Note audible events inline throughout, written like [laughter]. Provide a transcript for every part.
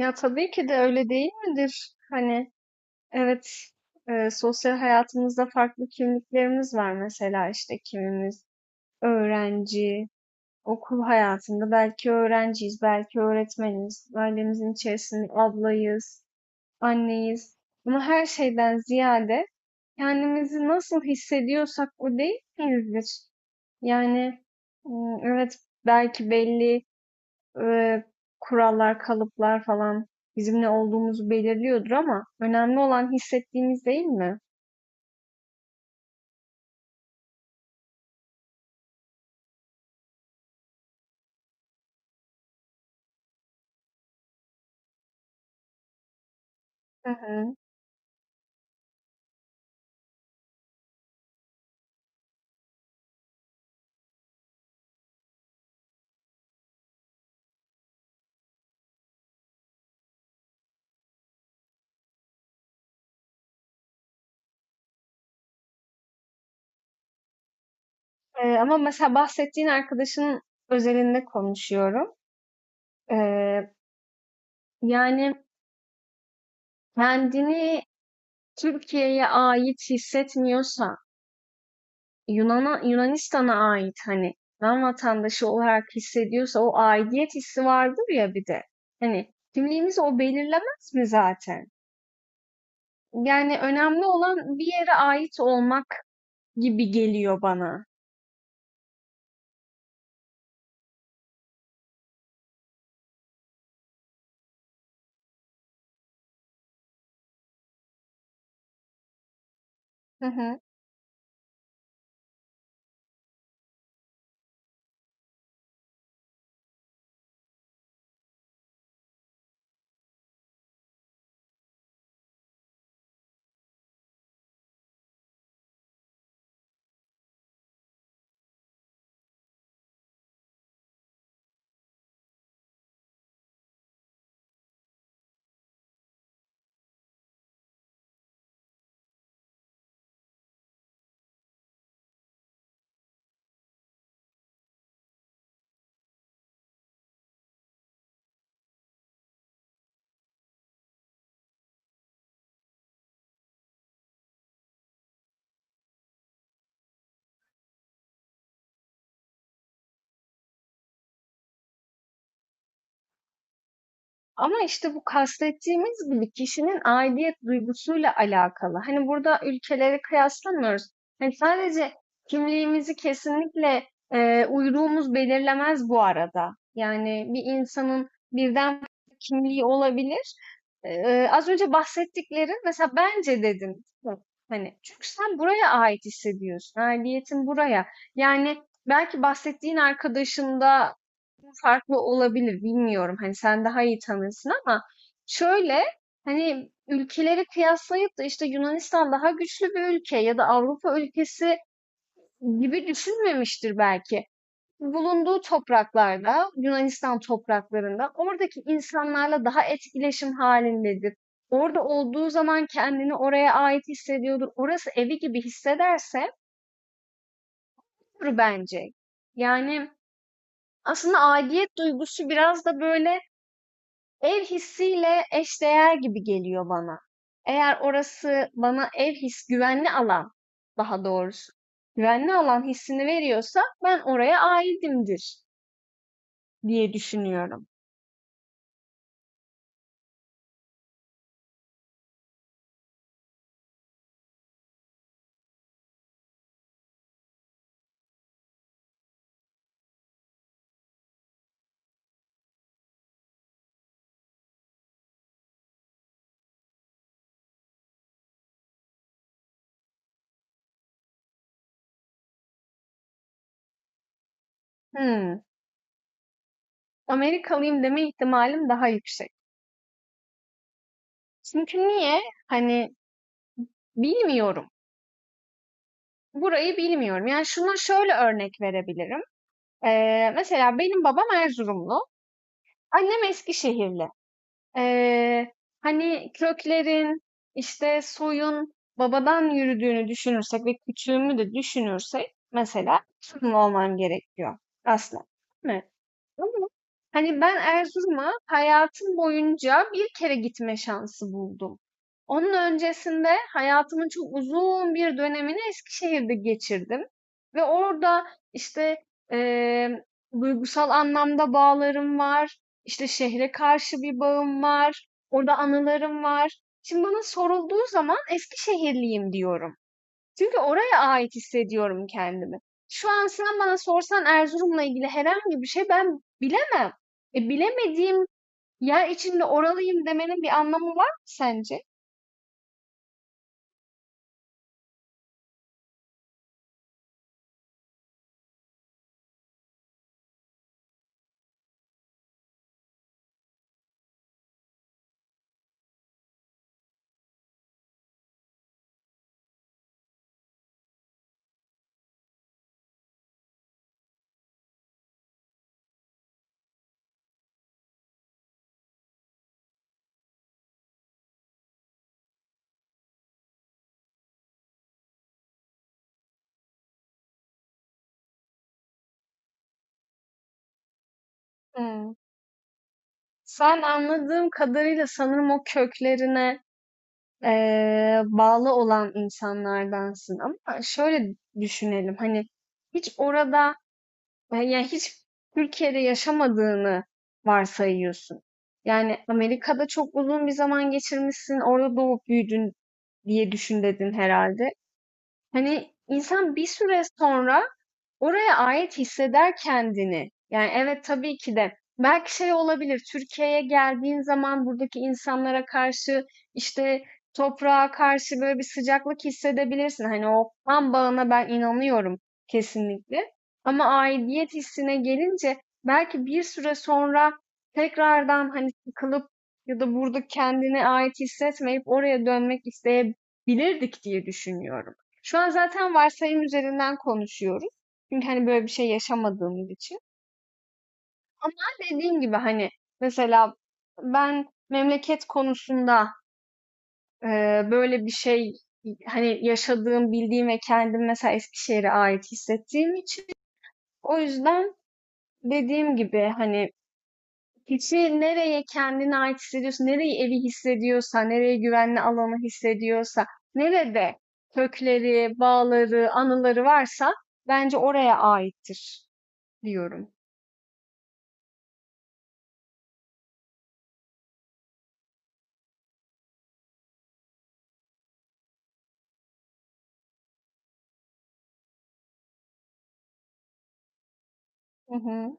Ya tabii ki de öyle değil midir? Hani evet, sosyal hayatımızda farklı kimliklerimiz var, mesela işte kimimiz öğrenci, okul hayatında belki öğrenciyiz, belki öğretmeniz, ailemizin içerisinde ablayız, anneyiz. Ama her şeyden ziyade kendimizi nasıl hissediyorsak o değil miyizdir? Yani, evet, belki belli e, kurallar, kalıplar falan bizim ne olduğumuzu belirliyordur, ama önemli olan hissettiğimiz değil mi? Hı hı. Ama mesela bahsettiğin arkadaşın özelinde konuşuyorum. E, Yani kendini Türkiye'ye ait hissetmiyorsa, Yunan'a, Yunanistan'a ait, hani Yunan vatandaşı olarak hissediyorsa, o aidiyet hissi vardır ya bir de. Hani kimliğimizi o belirlemez mi zaten? Yani önemli olan bir yere ait olmak gibi geliyor bana. Hı hı. Ama işte bu, kastettiğimiz gibi kişinin aidiyet duygusuyla alakalı. Hani burada ülkeleri kıyaslamıyoruz. Hani sadece kimliğimizi kesinlikle uyruğumuz belirlemez bu arada. Yani bir insanın birden fazla kimliği olabilir. Az önce bahsettiklerin mesela, bence dedim. Hani çünkü sen buraya ait hissediyorsun. Aidiyetin buraya. Yani belki bahsettiğin arkadaşında farklı olabilir, bilmiyorum. Hani sen daha iyi tanırsın, ama şöyle, hani ülkeleri kıyaslayıp da işte Yunanistan daha güçlü bir ülke ya da Avrupa ülkesi gibi düşünmemiştir belki. Bulunduğu topraklarda, Yunanistan topraklarında oradaki insanlarla daha etkileşim halindedir. Orada olduğu zaman kendini oraya ait hissediyordur. Orası evi gibi hissederse olur bence. Yani aslında aidiyet duygusu biraz da böyle ev hissiyle eşdeğer gibi geliyor bana. Eğer orası bana ev his, güvenli alan daha doğrusu, güvenli alan hissini veriyorsa, ben oraya aitimdir diye düşünüyorum. Hmm, Amerikalıyım deme ihtimalim daha yüksek. Çünkü niye? Hani bilmiyorum. Burayı bilmiyorum. Yani şuna şöyle örnek verebilirim. Mesela benim babam Erzurumlu, annem Eskişehirli. Eee, Hani köklerin, işte, soyun babadan yürüdüğünü düşünürsek ve küçüğümü de düşünürsek, mesela Türk mü olmam gerekiyor aslında, değil mi? Ama hani ben Erzurum'a hayatım boyunca bir kere gitme şansı buldum. Onun öncesinde hayatımın çok uzun bir dönemini Eskişehir'de geçirdim. Ve orada, işte, eee, duygusal anlamda bağlarım var. İşte şehre karşı bir bağım var. Orada anılarım var. Şimdi bana sorulduğu zaman Eskişehirliyim diyorum. Çünkü oraya ait hissediyorum kendimi. Şu an sen bana sorsan Erzurum'la ilgili herhangi bir şey ben bilemem. Bilemediğim yer içinde oralıyım demenin bir anlamı var mı sence? Hmm. Sen anladığım kadarıyla sanırım o köklerine bağlı olan insanlardansın. Ama şöyle düşünelim, hani hiç orada, yani hiç Türkiye'de yaşamadığını varsayıyorsun. Yani Amerika'da çok uzun bir zaman geçirmişsin, orada doğup büyüdün diye düşün dedin herhalde. Hani insan bir süre sonra oraya ait hisseder kendini. Yani evet, tabii ki de belki şey olabilir. Türkiye'ye geldiğin zaman buradaki insanlara karşı, işte toprağa karşı böyle bir sıcaklık hissedebilirsin. Hani o kan bağına ben inanıyorum kesinlikle. Ama aidiyet hissine gelince belki bir süre sonra tekrardan hani sıkılıp ya da burada kendine ait hissetmeyip oraya dönmek isteyebilirdik diye düşünüyorum. Şu an zaten varsayım üzerinden konuşuyoruz. Çünkü hani böyle bir şey yaşamadığımız için. Ama dediğim gibi, hani mesela ben memleket konusunda, e, böyle bir şey, hani yaşadığım, bildiğim ve kendim mesela Eskişehir'e ait hissettiğim için, o yüzden dediğim gibi, hani kişi nereye kendine ait hissediyorsa, nereyi evi hissediyorsa, nereye güvenli alanı hissediyorsa, nerede kökleri, bağları, anıları varsa bence oraya aittir diyorum. Hı hı.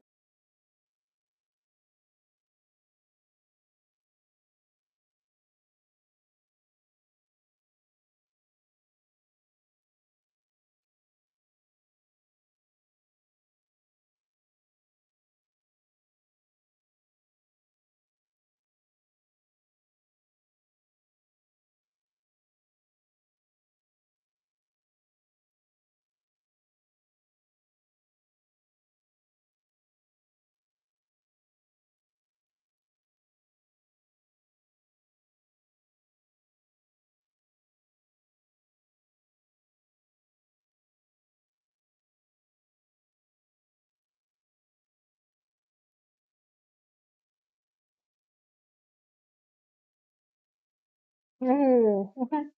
Oo. Hı hı.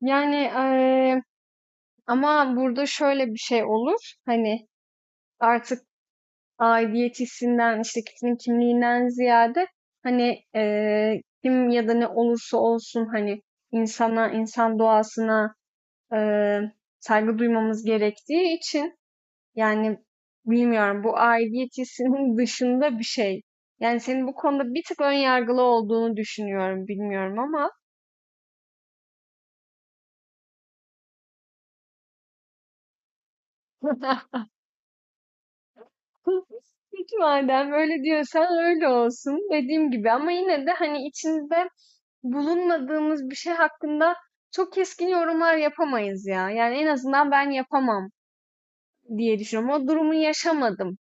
Yani ama burada şöyle bir şey olur. Hani artık aidiyet hissinden, işte kişinin kimliğinden ziyade, hani kim ya da ne olursa olsun, hani insana, insan doğasına eee, saygı duymamız gerektiği için. Yani bilmiyorum, bu aidiyet hissinin [laughs] dışında bir şey. Yani senin bu konuda bir tık ön yargılı olduğunu düşünüyorum, bilmiyorum ama. [laughs] Peki, madem öyle diyorsan öyle olsun, dediğim gibi, ama yine de hani içinde bulunmadığımız bir şey hakkında çok keskin yorumlar yapamayız ya. Yani en azından ben yapamam diye düşünüyorum. O durumu yaşamadım.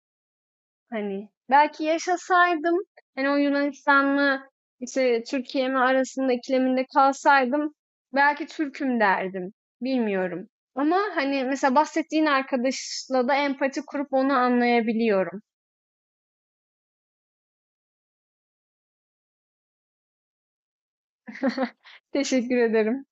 Hani belki yaşasaydım, hani o Yunanistan'la işte Türkiye mi arasında ikileminde kalsaydım, belki Türk'üm derdim. Bilmiyorum. Ama hani mesela bahsettiğin arkadaşla da empati kurup onu anlayabiliyorum. [laughs] Teşekkür ederim.